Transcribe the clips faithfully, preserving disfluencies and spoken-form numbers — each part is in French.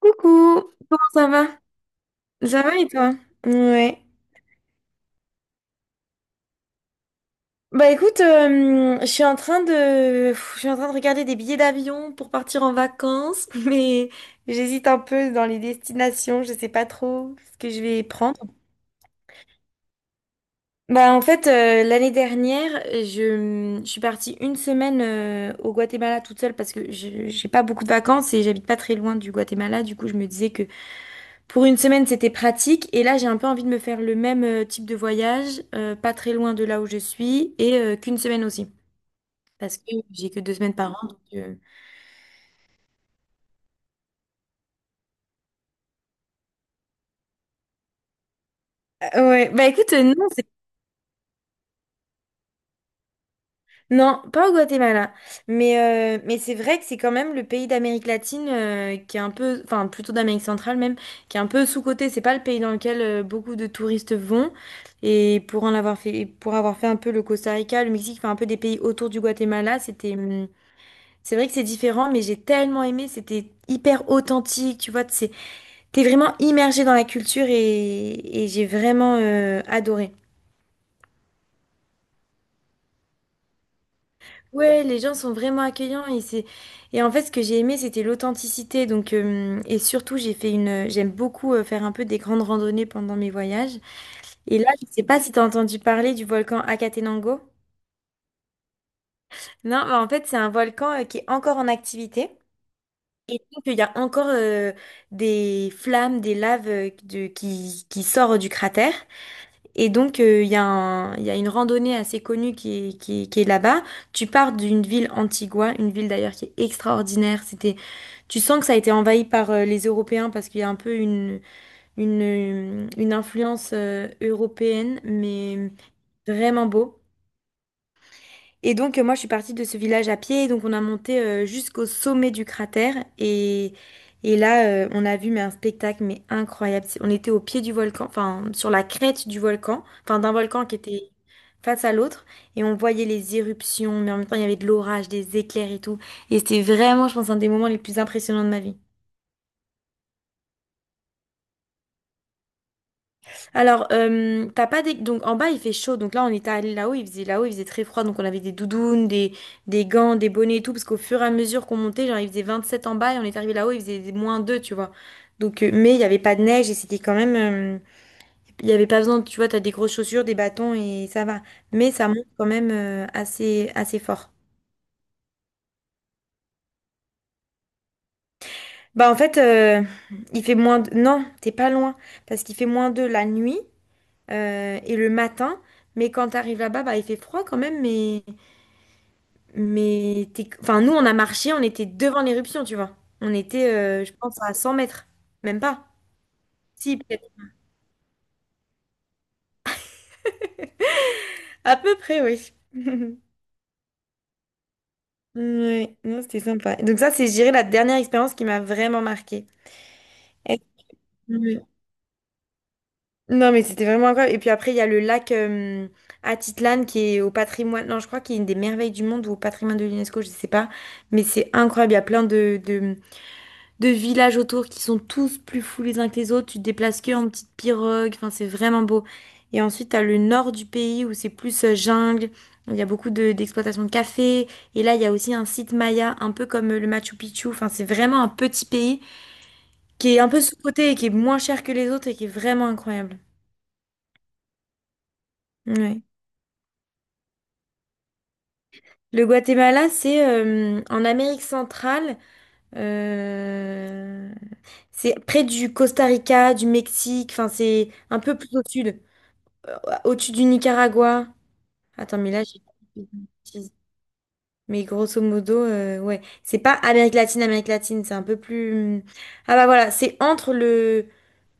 Coucou, comment ça va? Ça va et toi? Ouais. Bah écoute, euh, je suis en train de, pff, je suis en train de regarder des billets d'avion pour partir en vacances, mais j'hésite un peu dans les destinations. Je sais pas trop ce que je vais prendre. Bah en fait, euh, l'année dernière, je, je suis partie une semaine euh, au Guatemala toute seule parce que je j'ai pas beaucoup de vacances et j'habite pas très loin du Guatemala. Du coup, je me disais que Pour une semaine, c'était pratique. Et là, j'ai un peu envie de me faire le même euh, type de voyage, euh, pas très loin de là où je suis, et euh, qu'une semaine aussi. Parce que j'ai que deux semaines par an, donc, euh, Ah ouais, bah écoute, euh, non, c'est- non, pas au Guatemala. Mais, euh, mais c'est vrai que c'est quand même le pays d'Amérique latine euh, qui est un peu, enfin plutôt d'Amérique centrale même, qui est un peu sous-coté. C'est pas le pays dans lequel euh, beaucoup de touristes vont. Et pour en avoir fait, pour avoir fait un peu le Costa Rica, le Mexique, enfin un peu des pays autour du Guatemala, c'était. hum, c'est vrai que c'est différent, mais j'ai tellement aimé, c'était hyper authentique, tu vois, c'est, t'es vraiment immergé dans la culture et, et j'ai vraiment euh, adoré. Ouais, les gens sont vraiment accueillants et c'est, et en fait ce que j'ai aimé c'était l'authenticité, donc, euh, et surtout j'ai fait une, j'aime beaucoup euh, faire un peu des grandes randonnées pendant mes voyages. Et là, je sais pas si t'as entendu parler du volcan Akatenango. Non, mais en fait c'est un volcan euh, qui est encore en activité. Et donc, il y a encore euh, des flammes, des laves euh, de- qui, qui sortent du cratère. Et donc, euh, il y a un- il y a une randonnée assez connue qui est, qui est- qui est là-bas. Tu pars d'une ville Antigua, une ville d'ailleurs qui est extraordinaire. C'était, tu sens que ça a été envahi par euh, les Européens parce qu'il y a un peu une, une, euh, une influence euh, européenne, mais vraiment beau. Et donc, euh, moi, je suis partie de ce village à pied. Donc, on a monté euh, jusqu'au sommet du cratère. Et, et là, euh, on a vu mais un spectacle mais incroyable. C'est- On était au pied du volcan, enfin, sur la crête du volcan, enfin, d'un volcan qui était face à l'autre. Et on voyait les éruptions, mais en même temps, il y avait de l'orage, des éclairs et tout. Et c'était vraiment, je pense, un des moments les plus impressionnants de ma vie. Alors, euh, t'as pas des... Donc, en bas, il fait chaud. Donc là, on était allé là-haut, il faisait là-haut, il faisait très froid. Donc, on avait des doudounes, des, des gants, des bonnets et tout. Parce qu'au fur et à mesure qu'on montait, genre, il faisait sept en bas et on est arrivé là-haut, il faisait des- moins deux, tu vois. Donc, euh, mais il n'y avait pas de neige et c'était quand même... euh, il n'y avait pas besoin, tu vois, t'as des grosses chaussures, des bâtons et ça va. Mais ça monte quand même euh, assez, assez fort. Bah, en fait, euh, il fait moins... de- non, t'es pas loin. Parce qu'il fait moins deux la nuit euh, et le matin. Mais quand t'arrives là-bas, bah, il fait froid quand même, mais... Mais t'es- enfin, nous, on a marché, on était devant l'éruption, tu vois. On était, euh, je pense, à 100 mètres. Même pas. Si, peut-être. À peu près, oui. Ouais, non, c'était sympa. Donc ça, c'est, je dirais, la dernière expérience qui m'a vraiment marquée. Est- Ouais. Non, mais c'était vraiment incroyable. Et puis après, il y a le lac euh, Atitlan qui est au patrimoine, non, je crois qu'il est une des merveilles du monde ou au patrimoine de l'UNESCO, je sais pas. Mais c'est incroyable. Il y a plein de, de, de villages autour qui sont tous plus fous les uns que les autres. Tu te déplaces que en petite pirogue. Enfin, c'est vraiment beau. Et ensuite, tu as le nord du pays où c'est plus euh, jungle. Il y a beaucoup de, d'exploitation de café. Et là, il y a aussi un site Maya, un peu comme euh, le Machu Picchu. Enfin, c'est vraiment un petit pays qui est un peu sous-coté et qui est moins cher que les autres et qui est vraiment incroyable. Ouais. Le Guatemala, c'est euh, en Amérique centrale. euh, c'est près du Costa Rica, du Mexique. Enfin, c'est un peu plus au sud. Au-dessus du Nicaragua. Attends, mais là, j'ai dit une bêtise. Mais grosso modo, euh, ouais. C'est pas Amérique latine, Amérique latine, c'est un peu plus... hum. Ah bah voilà, c'est entre le...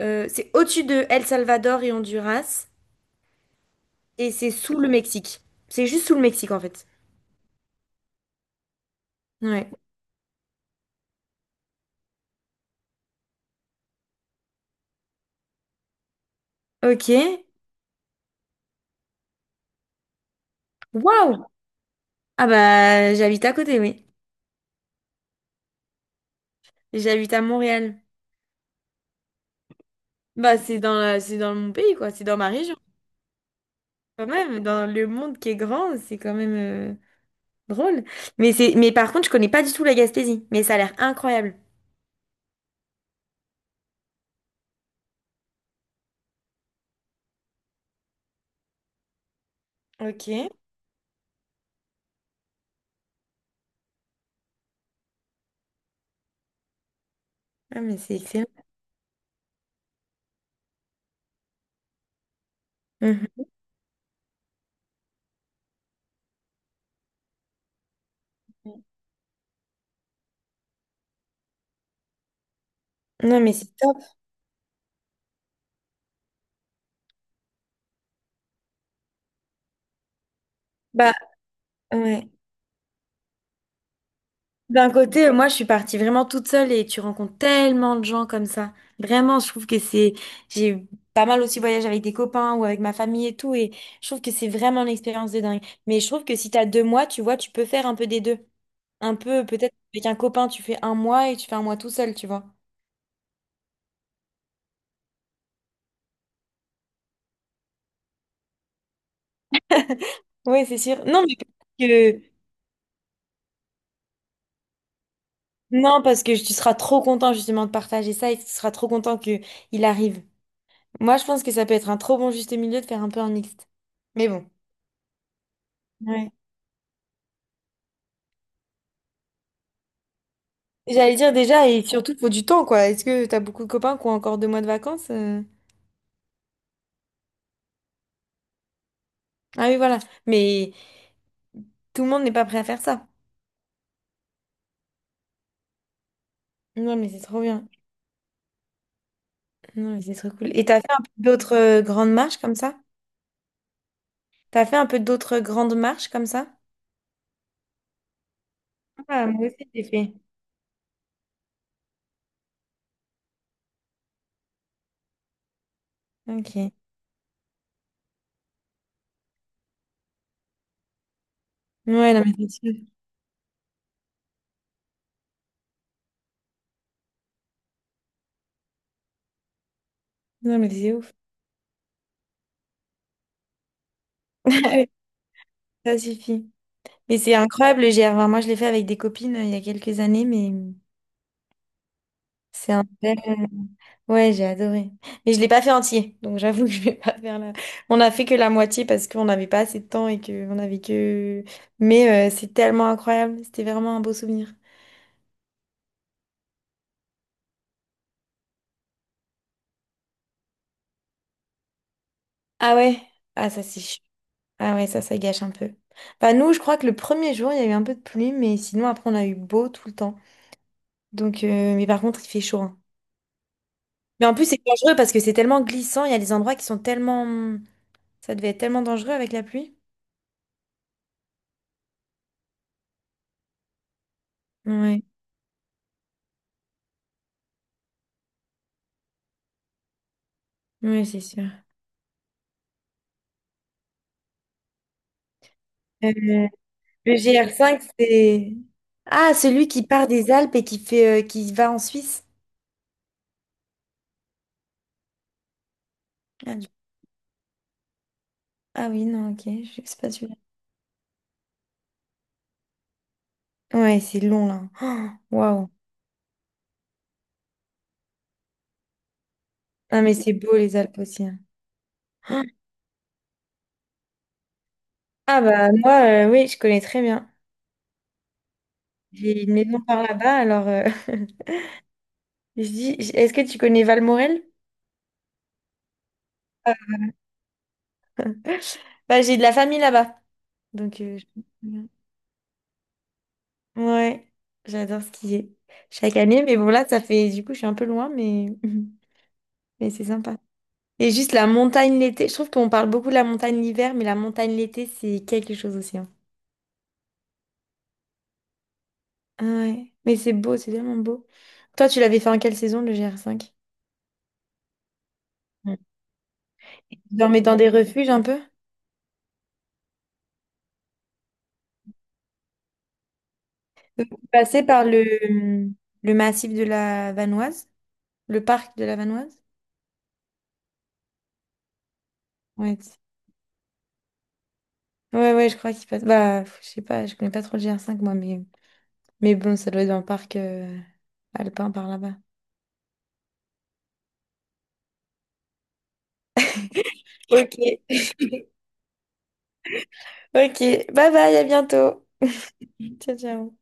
euh, c'est au-dessus de El Salvador et Honduras, et c'est sous le Mexique. C'est juste sous le Mexique, en fait. Ouais. Ok. Waouh! Ah bah, j'habite à côté, oui. J'habite à Montréal. Bah, c'est dans la- c'est dans mon pays, quoi. C'est dans ma région. Quand même, dans le monde qui est grand, c'est quand même... euh, drôle. Mais c'est, mais par contre, je connais pas du tout la Gaspésie, mais ça a l'air incroyable. Ok. Ah, mais c'est excellent. Mhm. Non, mais c'est top. Bah, ouais. D'un côté, euh, moi, je suis partie vraiment toute seule et tu rencontres tellement de gens comme ça. Vraiment, je trouve que c'est, j'ai pas mal aussi voyagé avec des copains ou avec ma famille et tout, et je trouve que c'est vraiment une expérience de dingue. Mais je trouve que si t'as deux mois, tu vois, tu peux faire un peu des deux. Un peu, peut-être avec un copain, tu fais un mois et tu fais un mois tout seul, tu vois. Ouais, c'est sûr. Non, mais non, parce que tu seras trop content justement de partager ça et tu seras trop content que il arrive. Moi, je pense que ça peut être un trop bon juste milieu de faire un peu un mixte. Mais bon. Ouais. J'allais dire déjà, et surtout, il faut du temps, quoi. Est-ce que t'as beaucoup de copains qui ont encore deux mois de vacances? euh Ah oui, voilà. Mais tout le monde n'est pas prêt à faire ça. Non, mais c'est trop bien. Non, mais c'est trop cool. Et t'as fait un peu d'autres euh, grandes marches comme ça? T'as fait un peu d'autres grandes marches comme ça? Ah, moi aussi, j'ai fait. Ok. Ouais, non, mais c'est sûr. Non, mais c'est ouf. Ça suffit. Mais c'est incroyable le G R. Enfin, moi, je l'ai fait avec des copines euh, il y a quelques années, mais c'est un bel... ouais, j'ai adoré. Mais je ne l'ai pas fait entier, donc j'avoue que je vais pas faire la... On a fait que la moitié parce qu'on n'avait pas assez de temps et que on avait que... Mais euh, c'est tellement incroyable. C'était vraiment un beau souvenir. Ah ouais? Ah ça, c'est... ch- ah ouais, ça, ça gâche un peu. Bah nous, je crois que le premier jour, il y a eu un peu de pluie, mais sinon, après, on a eu beau tout le temps. Donc, euh, mais par contre, il fait chaud, hein. Mais en plus, c'est dangereux parce que c'est tellement glissant. Il y a des endroits qui sont tellement... Ça devait être tellement dangereux avec la pluie. Oui, oui, c'est sûr. Euh, le G R cinq, c'est... Ah, celui qui part des Alpes et qui fait, euh, qui va en Suisse. Ah, du- ah oui, non, ok, je sais pas celui-là. Ouais, c'est long, là. Oh, waouh. Ah, mais c'est beau, les Alpes aussi, hein. Ah, bah, moi, euh, oui, je connais très bien. J'ai une maison par là-bas, alors... euh, je dis, est-ce que tu connais Valmorel? Bah, j'ai de la famille là-bas. Donc, euh, je... ouais, j'adore skier. Chaque année, mais bon là, ça fait du coup, je suis un peu loin, mais, mais c'est sympa. Et juste la montagne l'été, je trouve qu'on parle beaucoup de la montagne l'hiver, mais la montagne l'été, c'est quelque chose aussi, hein. Ah ouais, mais c'est beau, c'est tellement beau. Toi, tu l'avais fait en quelle saison, le G R cinq? Mm. Tu dormais dans des refuges un peu? Tu passais par le, le massif de la Vanoise, le parc de la Vanoise? Ouais, ouais, ouais, je crois qu'il passe. Bah, je sais pas, je connais pas trop le G R cinq moi, mais. Mais bon, ça doit être un parc euh, alpin par là-bas. Ok, ok. Bye bye, à bientôt. Ciao, ciao.